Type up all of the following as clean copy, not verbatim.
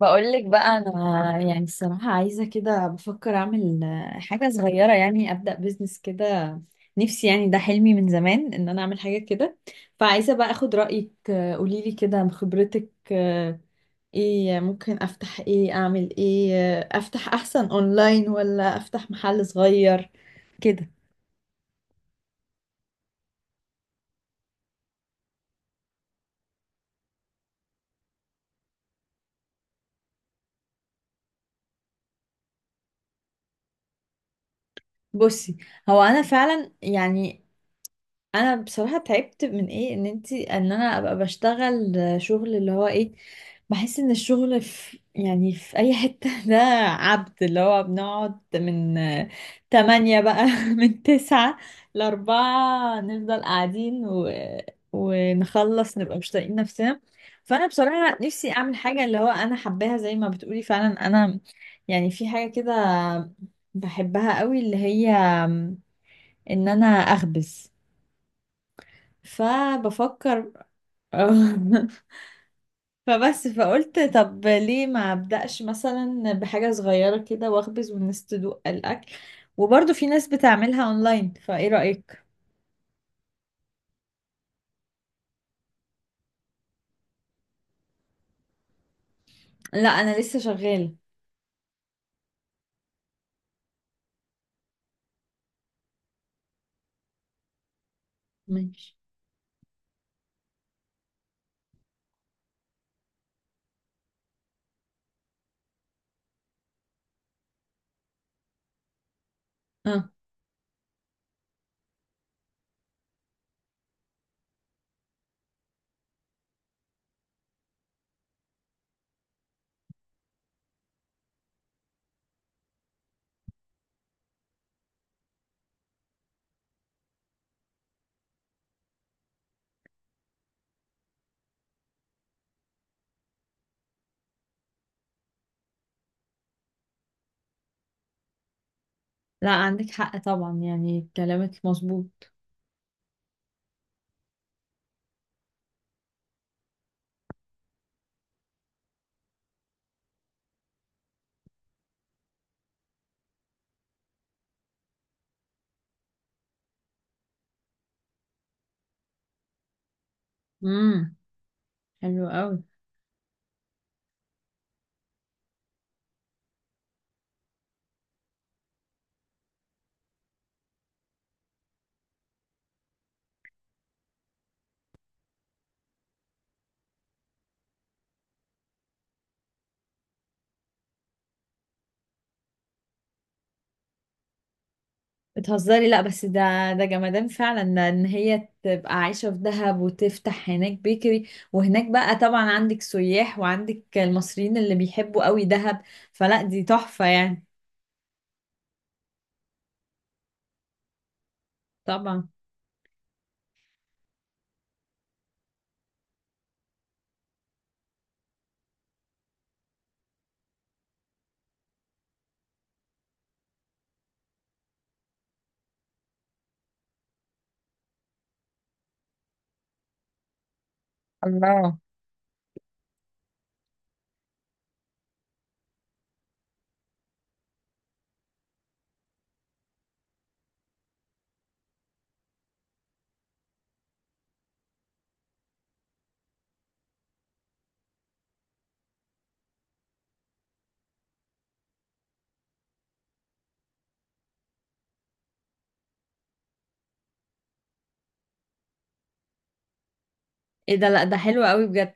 بقولك بقى انا يعني الصراحه عايزه كده بفكر اعمل حاجه صغيره، يعني ابدا بيزنس كده. نفسي يعني ده حلمي من زمان ان انا اعمل حاجه كده. فعايزه بقى اخد رايك، قوليلي كده بخبرتك، ايه ممكن افتح؟ ايه اعمل؟ ايه، افتح احسن اونلاين ولا افتح محل صغير كده؟ بصي، هو انا فعلا يعني انا بصراحه تعبت من ايه ان انتي ان انا ابقى بشتغل شغل اللي هو ايه. بحس ان الشغل في يعني في اي حته ده عبد اللي هو بنقعد من تمانية بقى من تسعة لأربعة، نفضل قاعدين و... ونخلص نبقى مش طايقين نفسنا. فانا بصراحه نفسي اعمل حاجه اللي هو انا حباها زي ما بتقولي. فعلا انا يعني في حاجه كده بحبها قوي، اللي هي ان انا اخبز. فبفكر. فبس فقلت طب ليه ما ابدأش مثلا بحاجة صغيرة كده واخبز والناس تدوق الأكل، وبرضه في ناس بتعملها اونلاين. فايه رأيك؟ لا انا لسه شغالة. ماشي. اه. لا عندك حق طبعا، يعني كلامك مظبوط. امم. حلو قوي. بتهزري؟ لا بس ده، ده جمدان فعلا ان هي تبقى عايشة في دهب وتفتح هناك بيكري، وهناك بقى طبعا عندك سياح وعندك المصريين اللي بيحبوا قوي دهب. فلا دي تحفة يعني. طبعا. الله. ايه ده؟ لا ده حلو قوي بجد.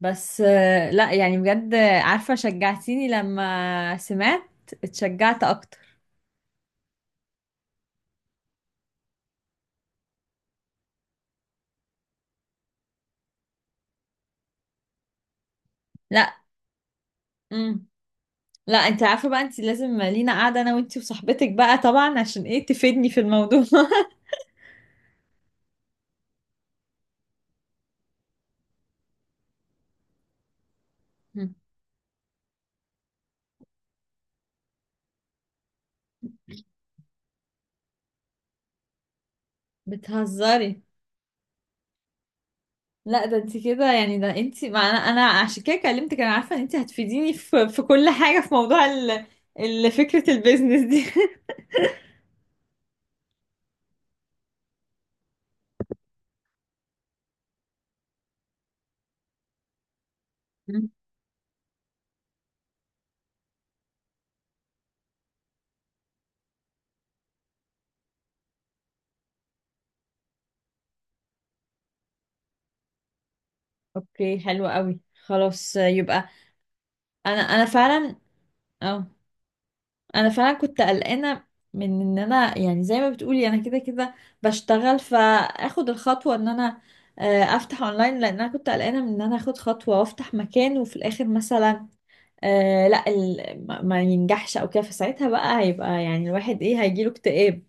بس، لا يعني بجد، عارفة شجعتيني لما سمعت. اتشجعت اكتر. لا. امم. لا انت عارفة بقى انت لازم لينا قاعدة انا وانت وصاحبتك بقى، طبعا عشان ايه تفيدني في الموضوع. بتهزري؟ لا ده انت كده يعني ده انت، ما انا عشان كده كلمتك. انا عارفه ان انت هتفيديني في كل حاجه في موضوع فكره البيزنس دي. مم. اوكي حلو قوي. خلاص يبقى. انا فعلا اه. انا فعلا كنت قلقانه من ان انا يعني زي ما بتقولي انا كده كده بشتغل، فاخد الخطوه ان انا افتح اونلاين، لان انا كنت قلقانه من ان انا اخد خطوه وافتح مكان وفي الاخر مثلا لا ما ينجحش او كده، فساعتها بقى هيبقى يعني الواحد ايه هيجيله اكتئاب.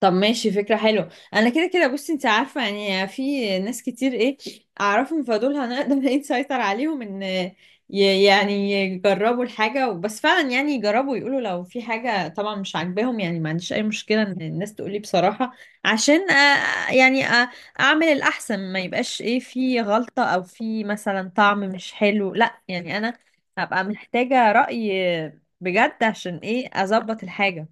طب ماشي، فكرة حلوة. انا كده كده بصي انت عارفة يعني في ناس كتير ايه اعرفهم، فدول هنقدر ايه نسيطر عليهم ان يعني يجربوا الحاجة بس فعلا، يعني يجربوا يقولوا لو في حاجة طبعا مش عاجباهم. يعني ما عنديش اي مشكلة ان الناس تقولي بصراحة، عشان اعمل الاحسن، ما يبقاش ايه في غلطة او في مثلا طعم مش حلو. لا يعني انا هبقى محتاجة رأي بجد عشان ايه اظبط الحاجة.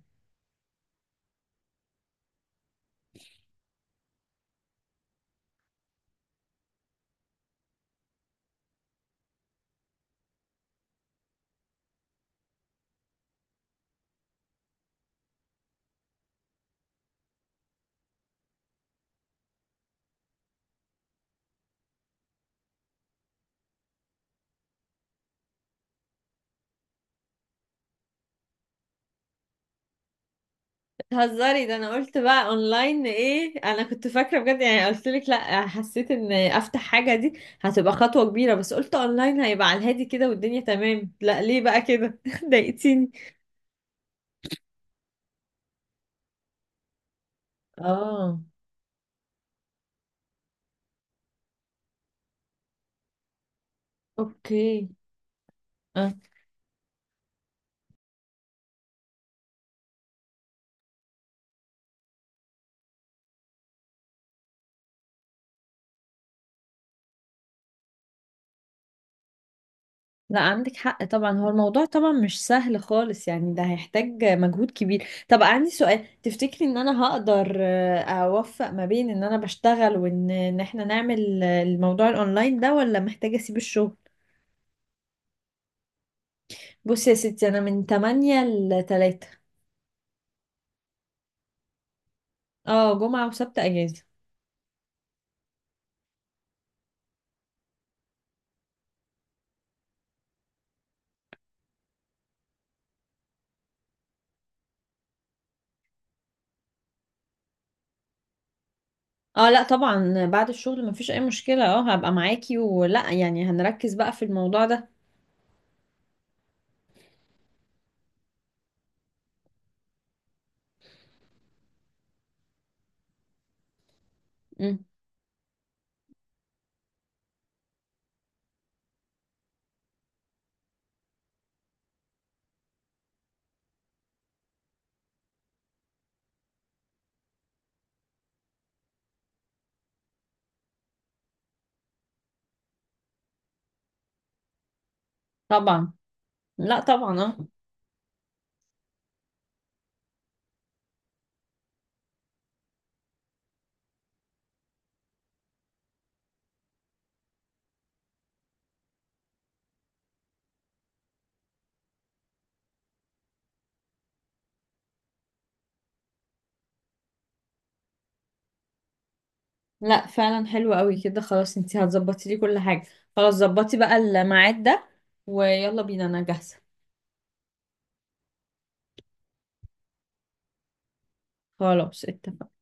هزاري ده! انا قلت بقى اونلاين ايه، انا كنت فاكره بجد يعني، قلت لك لا حسيت ان افتح حاجه دي هتبقى خطوه كبيره، بس قلت اونلاين هيبقى على الهادي كده والدنيا تمام. لا ليه بقى كده؟ ضايقتيني. اه. اوكي. اه لا عندك حق طبعا، هو الموضوع طبعا مش سهل خالص، يعني ده هيحتاج مجهود كبير. طب عندي سؤال، تفتكري ان انا هقدر اوفق ما بين ان انا بشتغل وان احنا نعمل الموضوع الاونلاين ده، ولا محتاجه اسيب الشغل؟ بصي يا ستي انا من 8 ل 3. اه جمعة وسبت اجازة. اه لا طبعا بعد الشغل مفيش اي مشكلة، اه هبقى معاكي ولا يعني هنركز بقى في الموضوع ده. مم. طبعا. لا طبعا اه. لا فعلا حلو قوي كده، خلاص انتي هتظبطي لي كل حاجة. خلاص ظبطي بقى الميعاد ده، ويلا بينا انا جاهزة. خلاص اتفقنا.